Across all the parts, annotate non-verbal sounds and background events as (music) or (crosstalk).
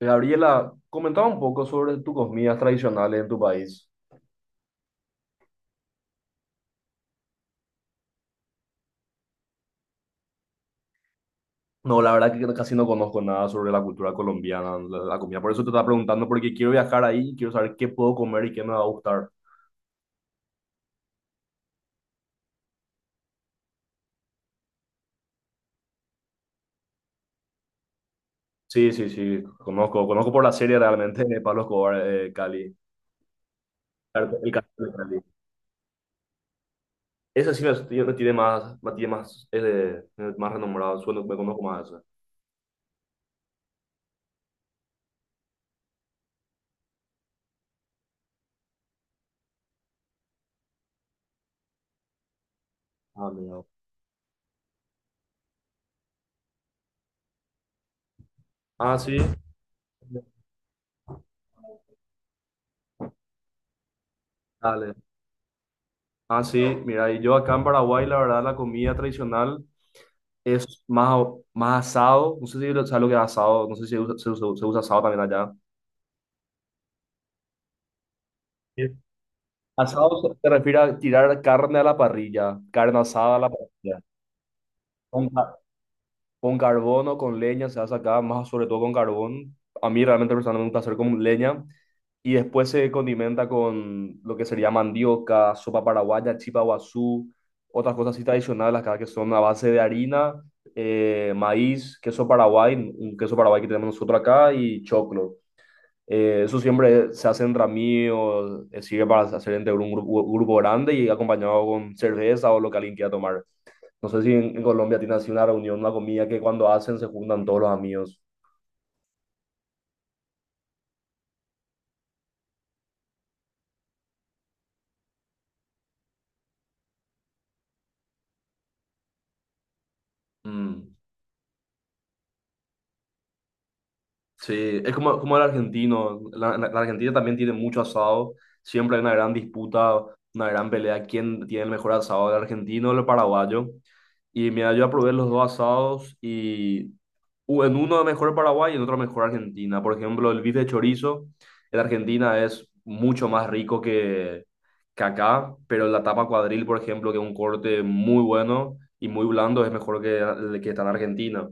Gabriela, comentaba un poco sobre tus comidas tradicionales en tu país. No, la verdad que casi no conozco nada sobre la cultura colombiana, la comida. Por eso te estaba preguntando, porque quiero viajar ahí, quiero saber qué puedo comer y qué me va a gustar. Sí, sí, sí, conozco por la serie realmente de Pablo Escobar, Cali, el cartel de Cali. Esa sí me tiene más, más renombrado, sueno, me conozco más esa. Ah, mira. Ah, sí, dale. Ah, sí, mira, y yo acá en Paraguay, la verdad, la comida tradicional es más asado. No sé si sabes lo que es asado, no sé si se usa asado también allá. Sí. Asado se refiere a tirar carne a la parrilla, carne asada a la parrilla. Con, ca- con carbón o con leña se hace acá, más sobre todo con carbón. A mí realmente personalmente me gusta hacer con leña. Y después se condimenta con lo que sería mandioca, sopa paraguaya, chipa guazú, otras cosas así tradicionales acá que son a base de harina, maíz, queso paraguay, un queso paraguay que tenemos nosotros acá y choclo. Eso siempre se hace entre amigos, sirve para hacer entre un grupo, grupo grande y acompañado con cerveza o lo que alguien quiera tomar. No sé si en Colombia tiene así una reunión, una comida que cuando hacen se juntan todos los amigos. Mm. Sí, es como el argentino. La Argentina también tiene mucho asado. Siempre hay una gran disputa, una gran pelea. ¿Quién tiene el mejor asado, el argentino o el paraguayo? Y mira, yo probé los dos asados y en uno mejor Paraguay y en otro mejor Argentina. Por ejemplo, el bife de chorizo en Argentina es mucho más rico que acá, pero la tapa cuadril, por ejemplo, que es un corte muy bueno y muy blando, es mejor que el que está en Argentina,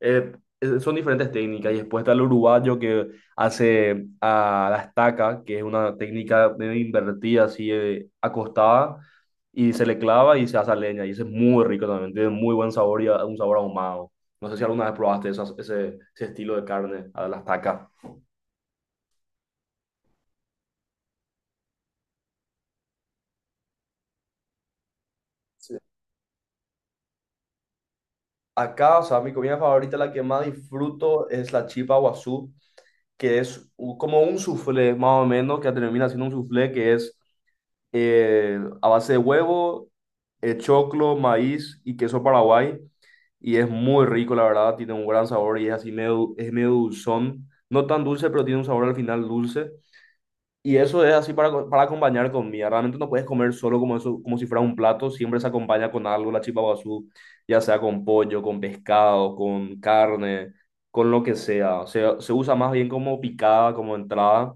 eh, son diferentes técnicas. Y después está el uruguayo que hace a la estaca, que es una técnica de invertida, así acostada, y se le clava y se hace a leña. Y ese es muy rico también, tiene muy buen sabor y un sabor ahumado. No sé si alguna vez probaste ese estilo de carne, a la estaca. Sí. Acá, o sea, mi comida favorita, la que más disfruto, es la chipa guazú, que es como un soufflé, más o menos, que termina siendo un soufflé que es a base de huevo, choclo, maíz y queso paraguay. Y es muy rico, la verdad, tiene un gran sabor y es así medio, es medio dulzón. No tan dulce, pero tiene un sabor al final dulce. Y eso es así para acompañar comida. Realmente no puedes comer solo como eso, como si fuera un plato. Siempre se acompaña con algo, la chipa guazú, ya sea con pollo, con pescado, con carne, con lo que sea. Se usa más bien como picada, como entrada.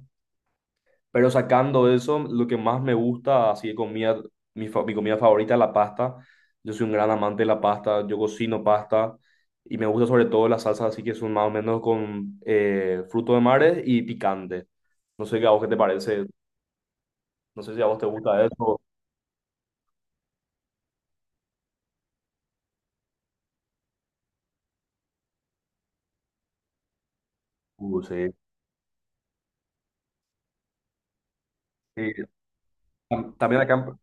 Pero sacando eso, lo que más me gusta, así de comida, mi comida favorita es la pasta. Yo soy un gran amante de la pasta, yo cocino pasta y me gusta sobre todo las salsas, así que son más o menos con fruto de mares y picante. No sé qué a vos qué te parece, no sé si a vos te gusta eso. Sí. Sí. También acá,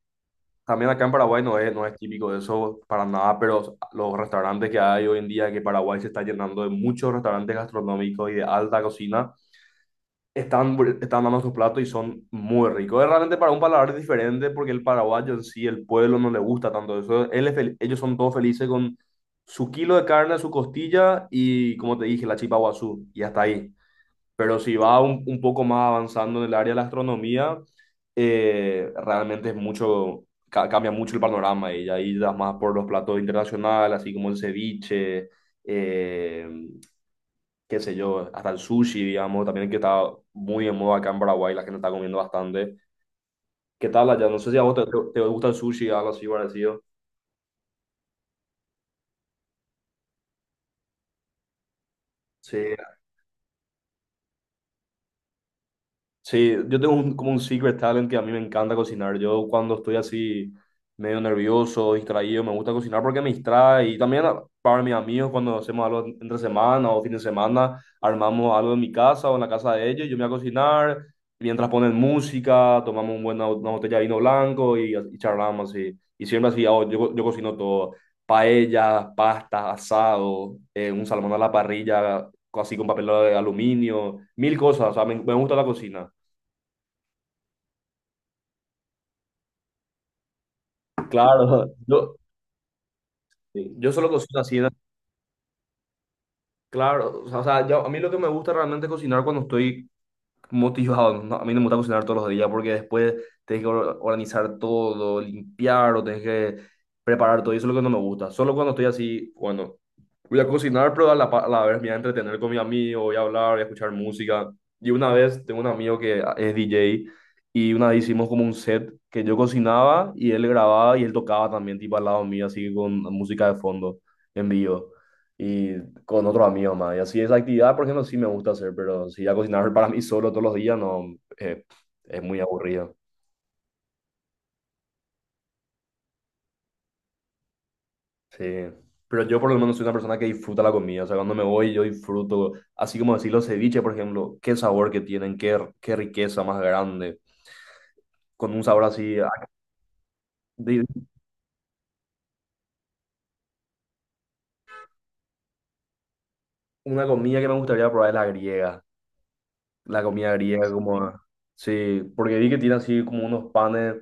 también acá en Paraguay no es típico de eso para nada, pero los restaurantes que hay hoy en día, que Paraguay se está llenando de muchos restaurantes gastronómicos y de alta cocina están dando sus platos y son muy ricos. Es realmente para un paladar diferente porque el paraguayo en sí, el pueblo no le gusta tanto eso. Ellos son todos felices con su kilo de carne, su costilla y, como te dije, la chipa guazú y hasta ahí. Pero si va un poco más avanzando en el área de la astronomía, realmente es mucho, cambia mucho el panorama y ahí das más por los platos internacionales, así como el ceviche, eh, qué sé yo, hasta el sushi, digamos, también que está muy en moda acá en Paraguay, la gente está comiendo bastante. ¿Qué tal allá? No sé si a vos te gusta el sushi, algo así parecido. Sí. Sí, yo tengo como un secret talent que a mí me encanta cocinar. Yo cuando estoy así medio nervioso, distraído, me gusta cocinar porque me distrae. Y también para mis amigos cuando hacemos algo entre semana o fin de semana, armamos algo en mi casa o en la casa de ellos, yo me voy a cocinar. Mientras ponen música, tomamos una botella de vino blanco y charlamos así. Y siempre así, yo cocino todo. Paellas, pastas, asado, un salmón a la parrilla, así con papel de aluminio, mil cosas. O sea, me gusta la cocina. Claro, yo solo cocino así, ¿no? Claro. O sea, a mí lo que me gusta realmente es cocinar cuando estoy motivado. No, a mí no me gusta cocinar todos los días porque después tenés que organizar todo, limpiar o tenés que preparar todo. Y eso es lo que no me gusta. Solo cuando estoy así, bueno, voy a cocinar, pero a la vez me voy a entretener con mi amigo, voy a hablar, voy a escuchar música. Y una vez tengo un amigo que es DJ y una vez hicimos como un set que yo cocinaba y él grababa y él tocaba también, tipo al lado mío, así con música de fondo en vivo y con otros amigos más. Y así esa actividad, por ejemplo, sí me gusta hacer, pero si ya cocinar (laughs) para mí solo todos los días, no, eh, es muy aburrido. Sí. Pero yo por lo menos soy una persona que disfruta la comida, o sea, cuando me voy yo disfruto, así como decir los ceviches, por ejemplo, qué sabor que tienen, qué, qué riqueza más grande, con un sabor así. De- Una comida que me gustaría probar es la griega. La comida griega, como. Sí, porque vi que tiene así como unos panes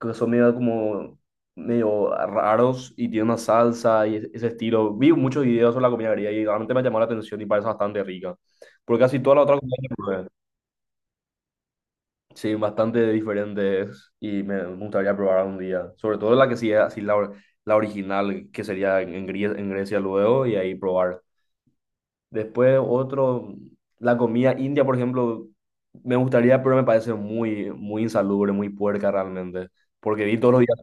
que son medio como, medio raros y tiene una salsa y ese estilo. Vi muchos videos sobre la comida griega y realmente me llamó la atención y parece bastante rica. Porque casi toda la otra comida que probé, sí, bastante diferentes y me gustaría probar un día. Sobre todo la que sí es así la original, que sería en Grecia luego y ahí probar. Después otro, la comida india, por ejemplo, me gustaría, pero me parece muy, muy insalubre, muy puerca realmente. Porque vi todos los días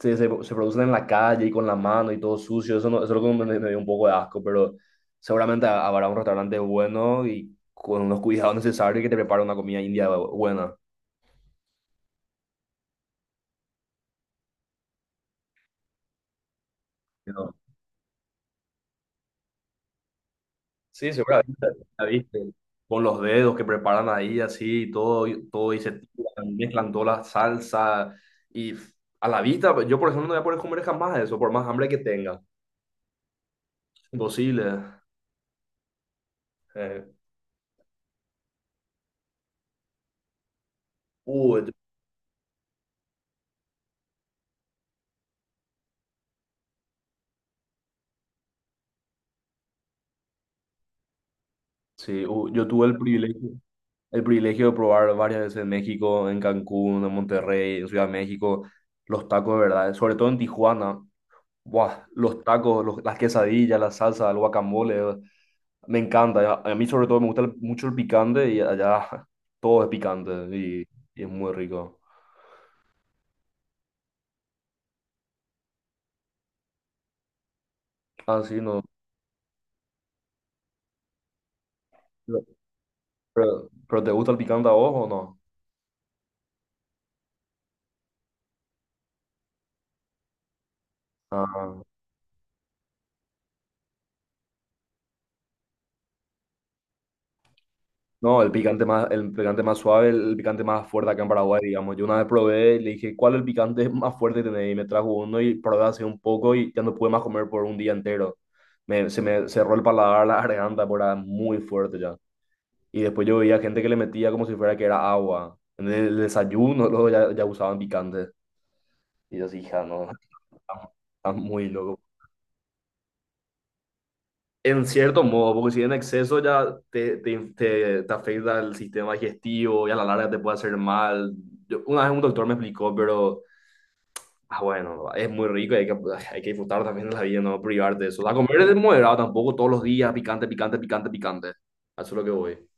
se producen en la calle y con la mano y todo sucio. Eso, no, eso es lo que me dio un poco de asco, pero seguramente habrá un restaurante bueno y con los cuidados necesarios que te prepara una comida india buena. Sí, seguramente la viste. Con los dedos que preparan ahí, así, y todo, todo y se tiran, mezclan toda la salsa. Y f- a la vista, yo por ejemplo no voy a poder comer jamás eso, por más hambre que tenga. Imposible. Eh, uh, yo- sí, yo tuve el privilegio de probar varias veces en México, en Cancún, en Monterrey, en Ciudad de México, los tacos de verdad, sobre todo en Tijuana. Buah, los tacos, las quesadillas, la salsa, el guacamole. Me encanta, a mí sobre todo me gusta mucho el picante y allá (laughs) todo es picante y es muy rico. Ah, sí, no. Pero, pero ¿te gusta el picante a vos o no? Ah, no, el picante más suave, el picante más fuerte acá en Paraguay, digamos. Yo una vez probé y le dije, ¿cuál es el picante (laughs) más fuerte que tenés? Y me trajo uno y probé hace un poco y ya no pude más comer por un día entero. Se me cerró el paladar, la (laughs) garganta, porque era muy fuerte ya. Y después yo veía gente que le metía como si fuera que era agua. En el desayuno (laughs) luego ya usaban picante. Y yo así, hija, no, está está muy loco. En cierto modo, porque si en exceso ya te afecta el sistema digestivo y a la larga te puede hacer mal. Una vez un doctor me explicó, pero ah, bueno, es muy rico y hay que disfrutar también de la vida, no privarte de eso. A comer es moderado tampoco todos los días, picante, picante, picante, picante. A eso es lo que voy.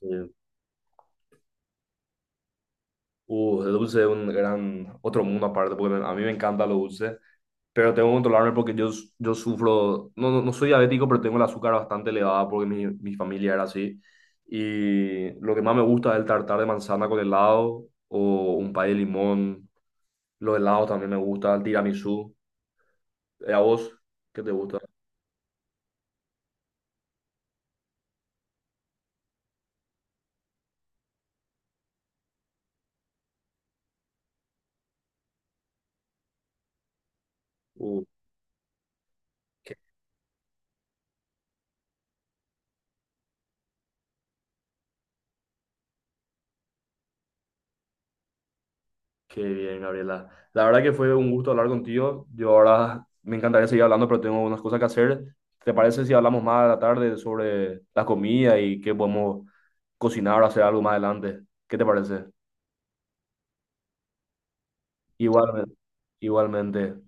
Sí. El dulce es un gran, otro mundo aparte, porque a mí me encanta lo dulce, pero tengo que controlarme porque yo sufro, no, no, no soy diabético, pero tengo el azúcar bastante elevada porque mi familia era así. Y lo que más me gusta es el tartar de manzana con helado o un pay de limón. Los helados también me gusta, el tiramisú. ¿A vos qué te gusta? Uh, Qué bien, Gabriela. La verdad que fue un gusto hablar contigo. Yo ahora me encantaría seguir hablando, pero tengo unas cosas que hacer. ¿Te parece si hablamos más a la tarde sobre la comida y qué podemos cocinar o hacer algo más adelante? ¿Qué te parece? Igualmente. Igualmente.